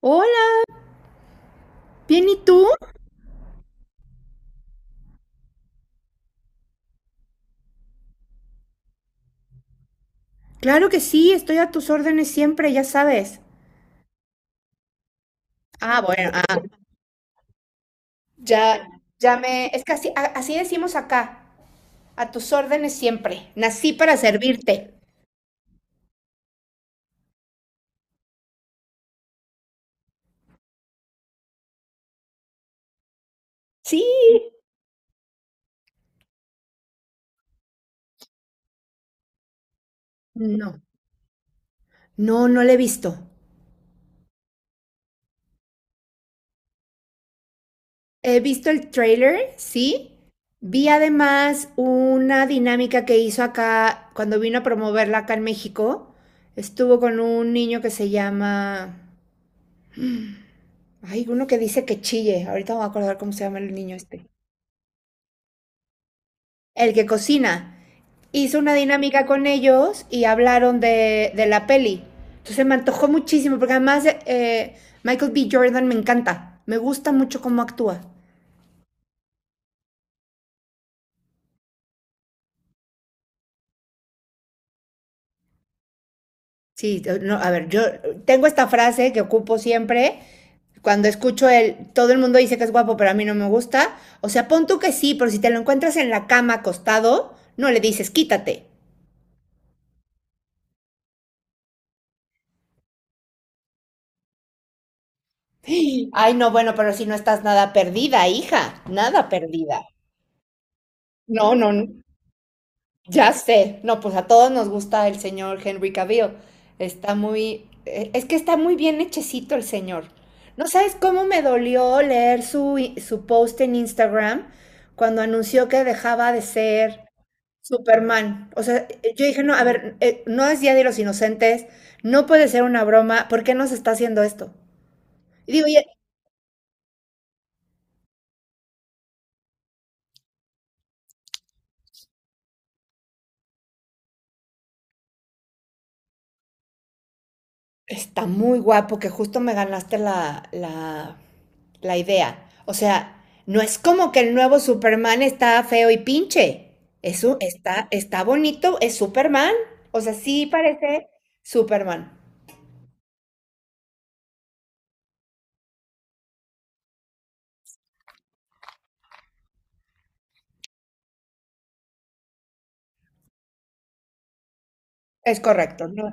Hola, ¿bien y tú? Claro que sí, estoy a tus órdenes siempre, ya sabes. Ah, bueno, ah, ya, ya me, es que así, así decimos acá, a tus órdenes siempre. Nací para servirte. Sí. No, no, no la he visto. He visto el trailer, sí. Vi además una dinámica que hizo acá cuando vino a promoverla acá en México. Estuvo con un niño que se llama... Hay uno que dice que chille. Ahorita me voy a acordar cómo se llama el niño este. El que cocina. Hizo una dinámica con ellos y hablaron de la peli. Entonces me antojó muchísimo, porque además Michael B. Jordan me encanta. Me gusta mucho cómo actúa. Sí, no, a ver, yo tengo esta frase que ocupo siempre. Cuando escucho todo el mundo dice que es guapo, pero a mí no me gusta. O sea, pon tú que sí, pero si te lo encuentras en la cama acostado, no le dices quítate. Ay, no, bueno, pero si no estás nada perdida, hija, nada perdida. No, no, no. Ya sé, no, pues a todos nos gusta el señor Henry Cavill. Es que está muy bien hechecito el señor. No sabes cómo me dolió leer su post en Instagram cuando anunció que dejaba de ser Superman. O sea, yo dije, no, a ver, no es Día de los Inocentes, no puede ser una broma, ¿por qué nos está haciendo esto? Y digo, y, Está muy guapo que justo me ganaste la, idea. O sea, no es como que el nuevo Superman está feo y pinche. Eso está bonito, es Superman. O sea, sí parece Superman. Es correcto, ¿no?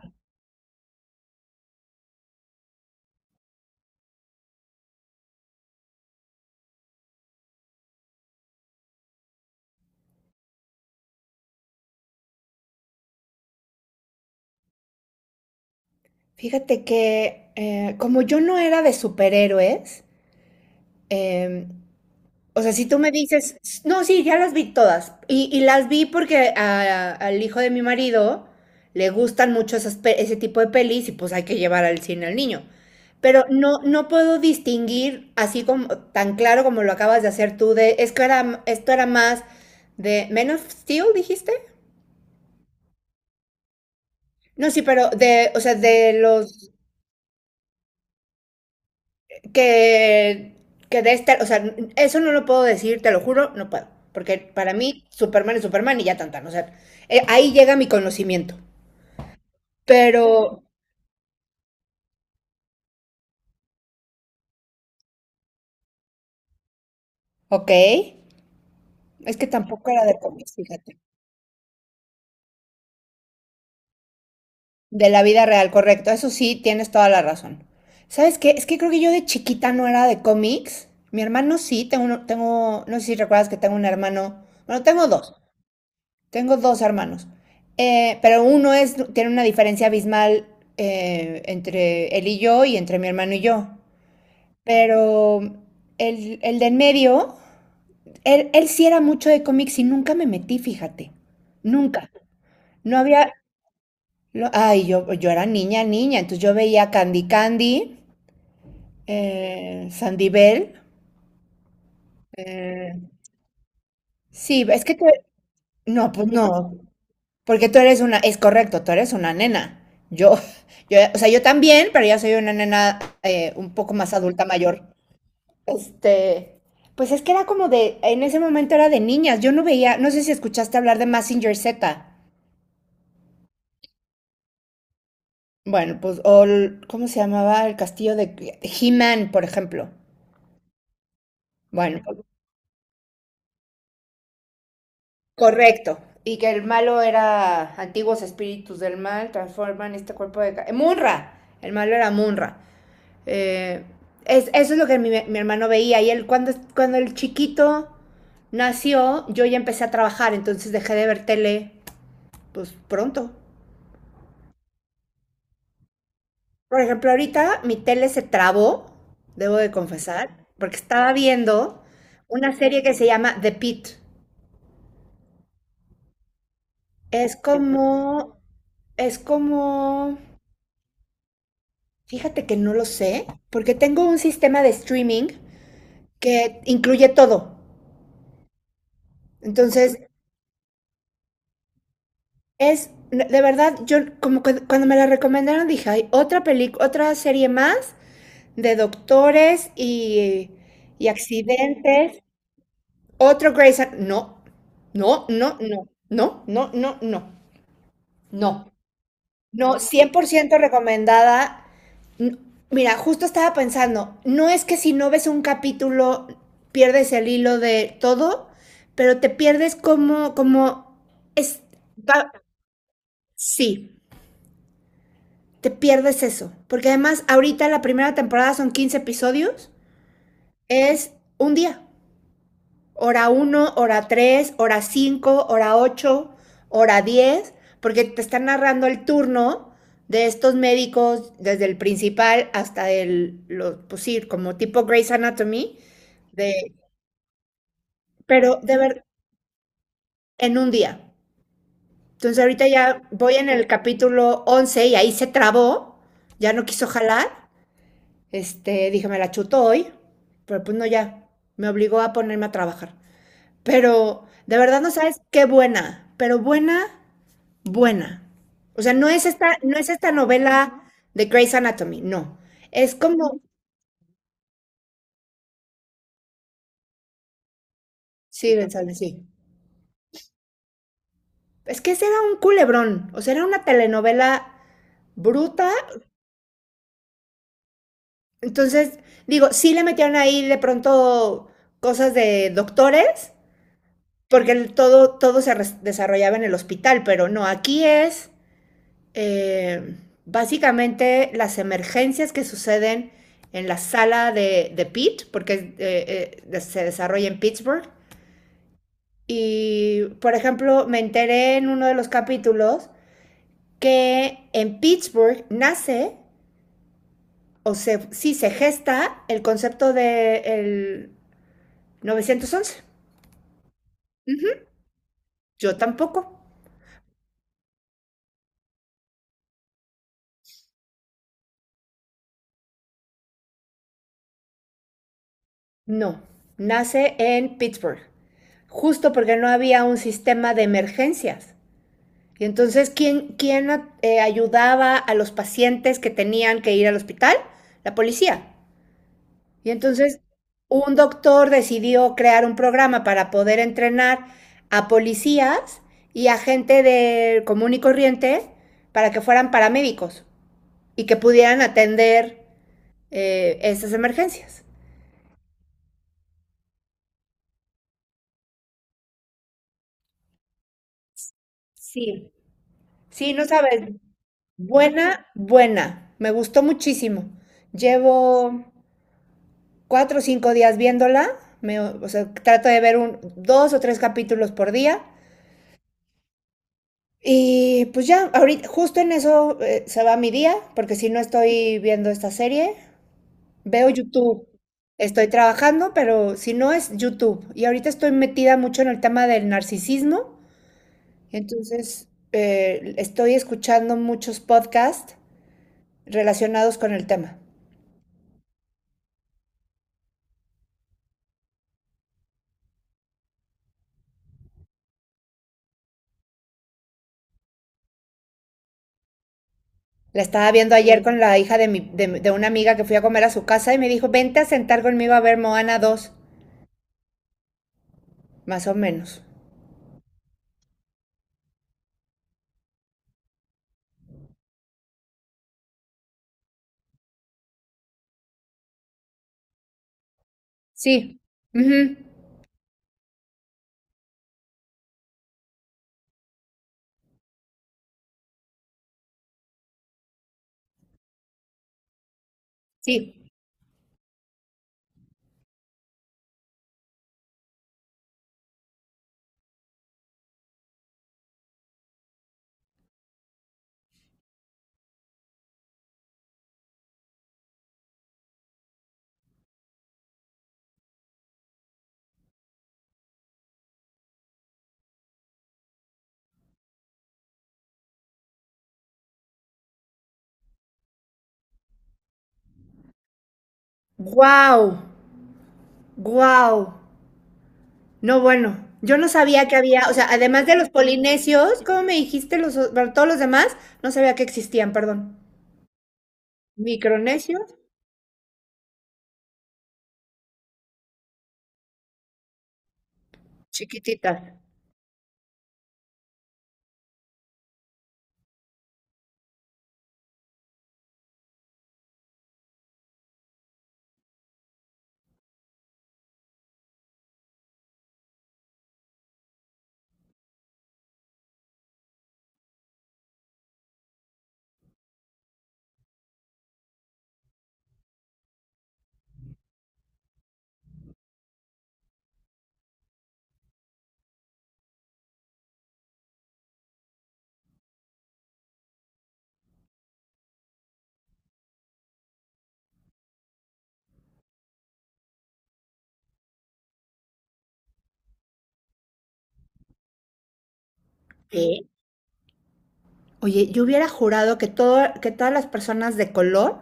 Fíjate que como yo no era de superhéroes, em, o sea, si tú me dices, no, sí, ya las vi todas. Y las vi porque al hijo de mi marido le gustan mucho esas ese tipo de pelis y pues hay que llevar al cine al niño. Pero no, no puedo distinguir así como tan claro como lo acabas de hacer tú de, es que esto era más de Men of Steel, dijiste. No, sí, pero de, o sea, de los que, que de esta, o sea, eso no lo puedo decir, te lo juro, no puedo. Porque para mí Superman es Superman y ya tan tan, o sea, ahí llega mi conocimiento. Pero, ok, es que tampoco era de cómics, fíjate. De la vida real, correcto, eso sí, tienes toda la razón. ¿Sabes qué? Es que creo que yo de chiquita no era de cómics. Mi hermano sí, tengo, no sé si recuerdas que tengo un hermano, bueno, tengo dos. Tengo dos hermanos, pero tiene una diferencia abismal entre él y yo y entre mi hermano y yo. Pero el de en medio, él sí era mucho de cómics y nunca me metí, fíjate. Nunca. No había... Ay, yo era niña, niña, entonces yo veía Candy Candy, Sandy Bell. eh, sí, es que... No, pues no. Porque tú eres una, es correcto, tú eres una nena. Yo, yo, o sea, yo también, pero ya soy una nena un poco más adulta mayor. Este, pues es que era como de, en ese momento era de niñas. Yo no veía, no sé si escuchaste hablar de Mazinger Z. Bueno, pues, ¿cómo se llamaba el castillo de He-Man, por ejemplo? Bueno, correcto. Y que el malo era antiguos espíritus del mal, transforman este cuerpo de... Munra. El malo era Munra. Eh, Eso es lo que mi hermano veía. Y él, cuando el chiquito nació, yo ya empecé a trabajar, entonces dejé de ver tele, pues pronto. Por ejemplo, ahorita mi tele se trabó, debo de confesar, porque estaba viendo una serie que se llama The Pit. Es como, es como, Fíjate que no lo sé, porque tengo un sistema de streaming que incluye todo. Entonces, de verdad, yo como que cuando me la recomendaron dije, hay otra película, otra serie más de doctores y accidentes, otro Grey's No, no, no, no, no, no, no, no, no, no, cien por ciento recomendada. N- Mira, justo estaba pensando, no es que si no ves un capítulo pierdes el hilo de todo, pero te pierdes como, es, va- sí. Te pierdes eso. Porque además, ahorita la primera temporada son 15 episodios, es un día. Hora uno, hora 3, hora 5, hora 8, hora 10, porque te están narrando el turno de estos médicos, desde el principal hasta el, lo pues sí, como tipo Grey's Anatomy, de, pero de ver en un día. Entonces ahorita ya voy en el capítulo 11 y ahí se trabó, ya no quiso jalar. Este, dije, me la chuto hoy, pero pues no, ya, me obligó a ponerme a trabajar. Pero de verdad no sabes qué buena, pero buena, buena. O sea, no es esta novela de Grey's Anatomy, no. Es como, sí, González, sí. Es que ese era un culebrón, o sea, era una telenovela bruta. Entonces, digo, sí le metieron ahí de pronto cosas de doctores, porque todo se desarrollaba en el hospital, pero no, aquí es eh, básicamente las emergencias que suceden en la sala de Pitt, porque se desarrolla en Pittsburgh. Y, por ejemplo, me enteré en uno de los capítulos que en Pittsburgh nace, o se, sí, se gesta el concepto del de 911. Yo tampoco. No, nace en Pittsburgh, justo porque no había un sistema de emergencias. Y entonces, ¿quién ayudaba a los pacientes que tenían que ir al hospital? La policía. Y entonces, un doctor decidió crear un programa para poder entrenar a policías y a gente de común y corriente para que fueran paramédicos y que pudieran atender esas emergencias. Sí. Sí, no sabes. Buena, buena. Me gustó muchísimo. Llevo 4 o 5 días viéndola. Me, o sea, trato de ver un, dos o tres capítulos por día. Y pues ya, ahorita, justo en eso se va mi día, porque si no estoy viendo esta serie, veo YouTube. Estoy trabajando, pero si no es YouTube. Y ahorita estoy metida mucho en el tema del narcisismo. Entonces, estoy escuchando muchos podcasts relacionados con el tema. La estaba viendo ayer con la hija de una amiga que fui a comer a su casa y me dijo, vente a sentar conmigo a ver Moana 2 más o menos. Sí, Ujú, sí. Wow, wow. No, bueno, yo no sabía que había, o sea, además de los polinesios, ¿cómo me dijiste bueno, todos los demás? No sabía que existían, perdón. Micronesios, chiquititas. ¿Qué? Oye, yo hubiera jurado que todas las personas de color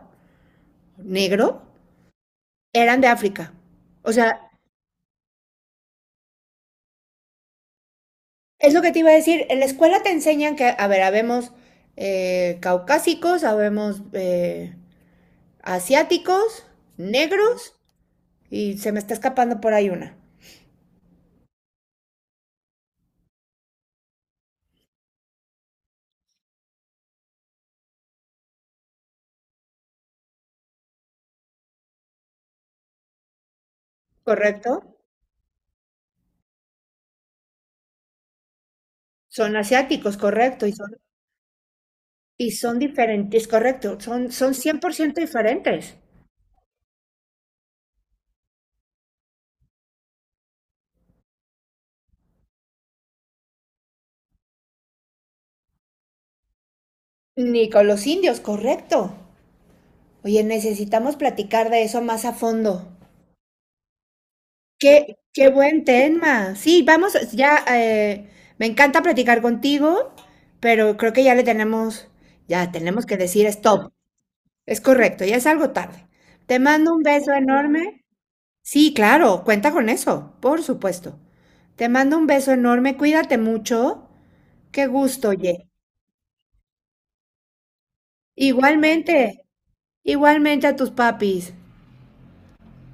negro eran de África. O sea, es lo que te iba a decir, en la escuela te enseñan que, a ver, habemos caucásicos, habemos asiáticos, negros, y se me está escapando por ahí una, ¿correcto? Son asiáticos, correcto, y son diferentes, correcto, son 100% diferentes. Ni con los indios, correcto. Oye, necesitamos platicar de eso más a fondo. Qué buen tema. Sí, vamos, ya me encanta platicar contigo, pero creo que ya tenemos que decir stop. Es correcto, ya es algo tarde. Te mando un beso enorme. Sí, claro, cuenta con eso, por supuesto. Te mando un beso enorme, cuídate mucho. Qué gusto, oye. Igualmente, igualmente a tus papis.